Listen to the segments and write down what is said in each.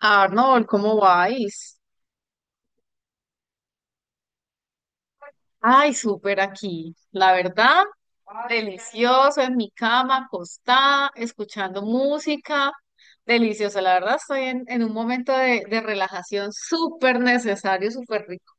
Arnold, ¿cómo vais? Ay, súper aquí. La verdad, delicioso en mi cama, acostada, escuchando música. Delicioso, la verdad, estoy en un momento de relajación súper necesario, súper rico.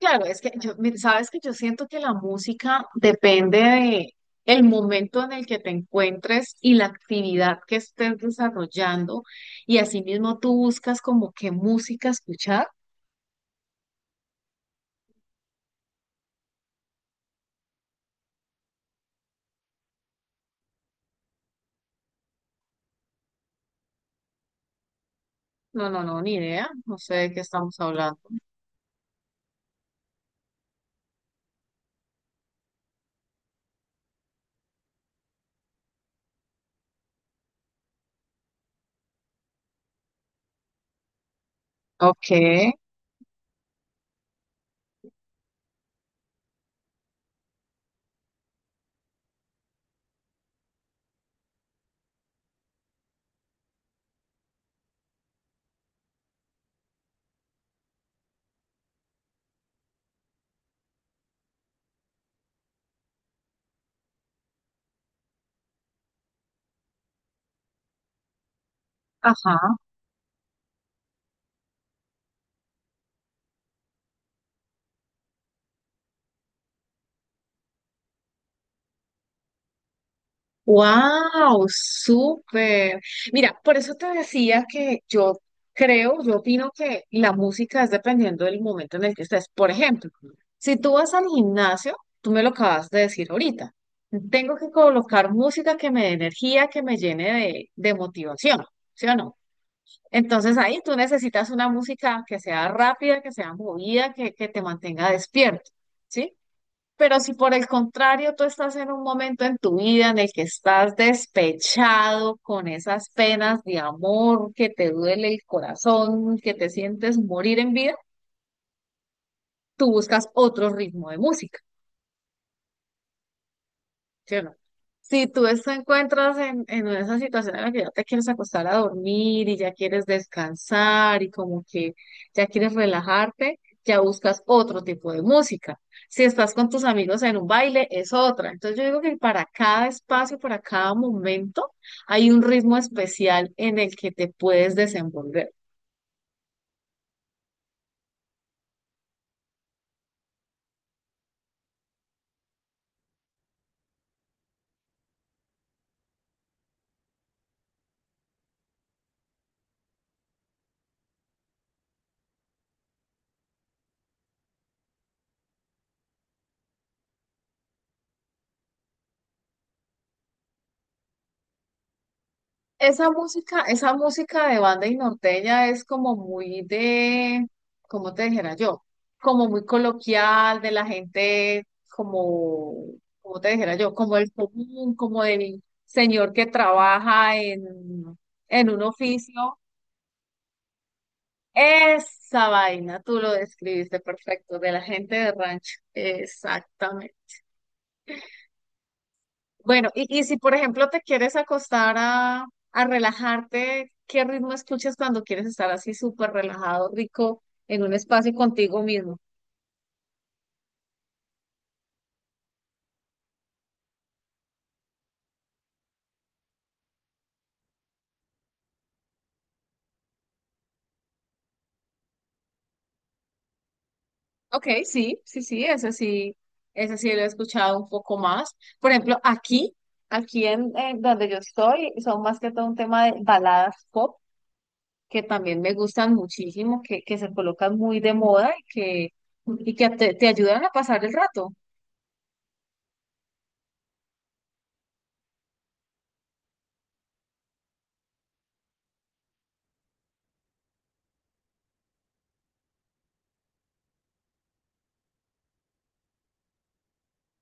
Claro, es que yo, mira, sabes que yo siento que la música depende de el momento en el que te encuentres y la actividad que estés desarrollando, y asimismo tú buscas como qué música escuchar. No, no, no, ni idea. No sé de qué estamos hablando. Ok, ajá. Wow, súper. Mira, por eso te decía que yo creo, yo opino que la música es dependiendo del momento en el que estés. Por ejemplo, si tú vas al gimnasio, tú me lo acabas de decir ahorita. Tengo que colocar música que me dé energía, que me llene de motivación, ¿sí o no? Entonces ahí tú necesitas una música que sea rápida, que sea movida, que te mantenga despierto. ¿Sí? Pero si por el contrario tú estás en un momento en tu vida en el que estás despechado con esas penas de amor, que te duele el corazón, que te sientes morir en vida, tú buscas otro ritmo de música. ¿Sí o no? Si tú te encuentras en esa situación en la que ya te quieres acostar a dormir y ya quieres descansar y como que ya quieres relajarte, ya buscas otro tipo de música. Si estás con tus amigos en un baile, es otra. Entonces yo digo que para cada espacio, para cada momento, hay un ritmo especial en el que te puedes desenvolver. Esa música de banda y norteña es como muy de, ¿cómo te dijera yo? Como muy coloquial, de la gente, como, ¿cómo te dijera yo? Como el común, como el señor que trabaja en un oficio. Esa vaina, tú lo describiste perfecto, de la gente de rancho. Exactamente. Bueno, y si por ejemplo te quieres acostar a relajarte, ¿qué ritmo escuchas cuando quieres estar así súper relajado, rico, en un espacio contigo mismo? Ok, sí, sí, sí, ese sí, ese sí lo he escuchado un poco más. Por ejemplo, aquí, aquí en donde yo estoy, son más que todo un tema de baladas pop, que también me gustan muchísimo, que se colocan muy de moda y que te ayudan a pasar el rato.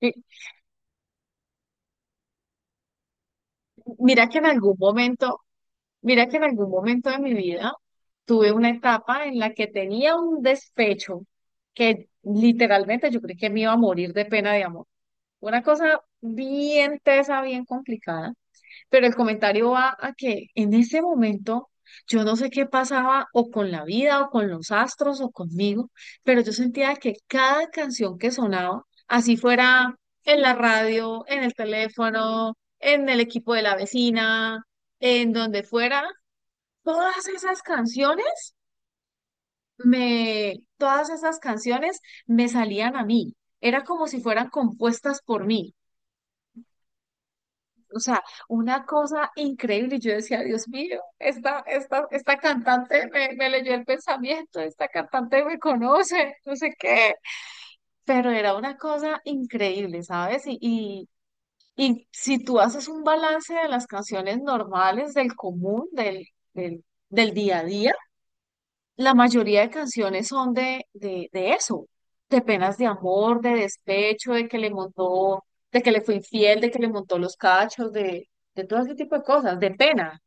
Y Mira que en algún momento de mi vida tuve una etapa en la que tenía un despecho que literalmente yo creí que me iba a morir de pena de amor. Una cosa bien tesa, bien complicada, pero el comentario va a que en ese momento yo no sé qué pasaba o con la vida o con los astros o conmigo, pero yo sentía que cada canción que sonaba, así fuera en la radio, en el teléfono, en el equipo de la vecina, en donde fuera todas esas canciones me, todas esas canciones me salían a mí. Era como si fueran compuestas por mí. O sea, una cosa increíble. Yo decía, Dios mío, esta cantante me, me leyó el pensamiento, esta cantante me conoce, no sé qué. Pero era una cosa increíble, ¿sabes? Y si tú haces un balance de las canciones normales, del común, del día a día, la mayoría de canciones son de eso, de penas de amor, de despecho, de que le montó, de que le fue infiel, de que le montó los cachos, de todo ese tipo de cosas, de pena,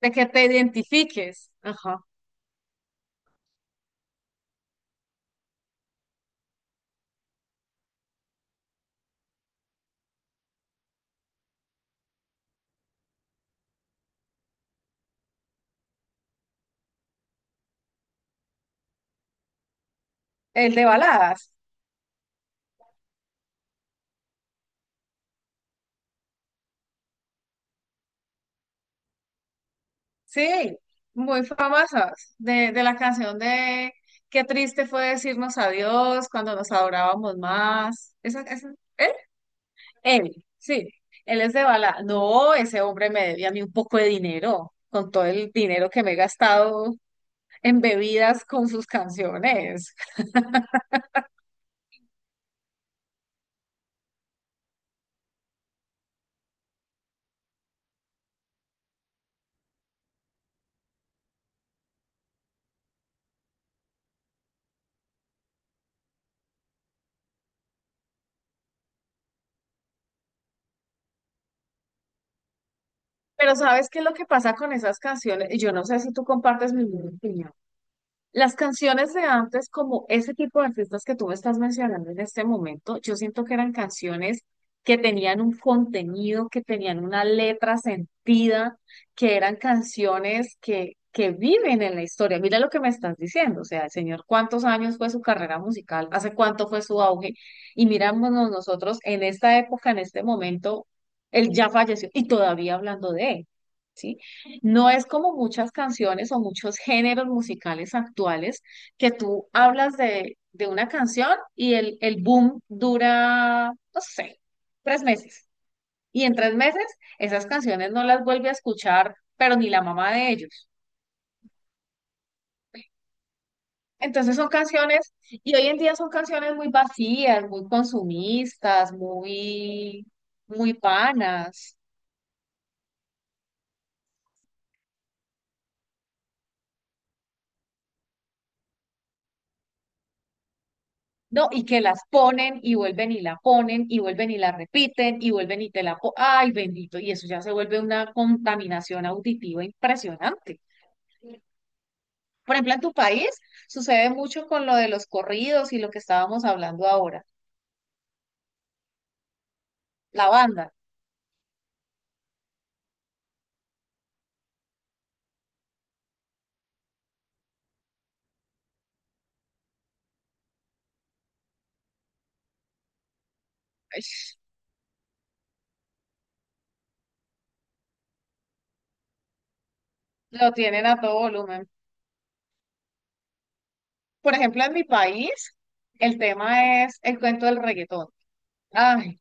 de que te identifiques. Ajá. El de baladas, sí, muy famosas, de la canción de qué triste fue decirnos adiós cuando nos adorábamos más. Esa, él, sí, él es de bala. No, ese hombre me debía a mí un poco de dinero, con todo el dinero que me he gastado en bebidas con sus canciones. Pero ¿sabes qué es lo que pasa con esas canciones? Yo no sé si tú compartes mi misma opinión. Las canciones de antes, como ese tipo de artistas que tú me estás mencionando en este momento, yo siento que eran canciones que tenían un contenido, que tenían una letra sentida, que eran canciones que viven en la historia. Mira lo que me estás diciendo, o sea, el señor, ¿cuántos años fue su carrera musical? ¿Hace cuánto fue su auge? Y mirámonos nosotros en esta época, en este momento, él ya falleció y todavía hablando de él. ¿Sí? No es como muchas canciones o muchos géneros musicales actuales que tú hablas de una canción y el boom dura, no sé, 3 meses. Y en 3 meses esas canciones no las vuelve a escuchar, pero ni la mamá de ellos. Entonces son canciones, y hoy en día son canciones muy vacías, muy consumistas, muy, muy vanas. No, y que las ponen y vuelven y la ponen y vuelven y la repiten y vuelven y te la po- ¡ay, bendito! Y eso ya se vuelve una contaminación auditiva impresionante. Por ejemplo, en tu país sucede mucho con lo de los corridos y lo que estábamos hablando ahora. La banda, ¡ay! Lo tienen a todo volumen. Por ejemplo, en mi país, el tema es el cuento del reggaetón. Ay,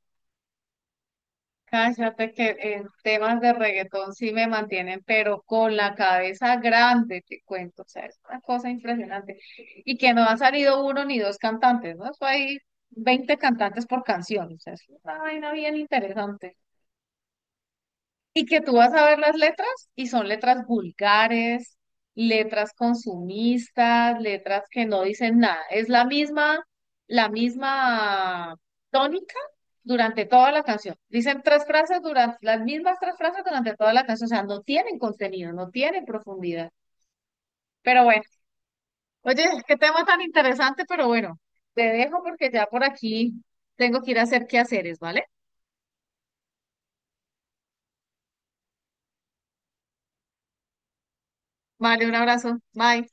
cállate que en temas de reggaetón sí me mantienen, pero con la cabeza grande, te cuento. O sea, es una cosa impresionante. Y que no han salido uno ni dos cantantes, ¿no? Eso hay 20 cantantes por canción. O sea, es una vaina bien interesante. Y que tú vas a ver las letras y son letras vulgares, letras consumistas, letras que no dicen nada. Es la misma tónica durante toda la canción. Dicen tres frases durante, las mismas tres frases durante toda la canción. O sea, no tienen contenido, no tienen profundidad. Pero bueno, oye, qué tema tan interesante, pero bueno, te dejo porque ya por aquí tengo que ir a hacer quehaceres, ¿vale? Vale, un abrazo. Bye.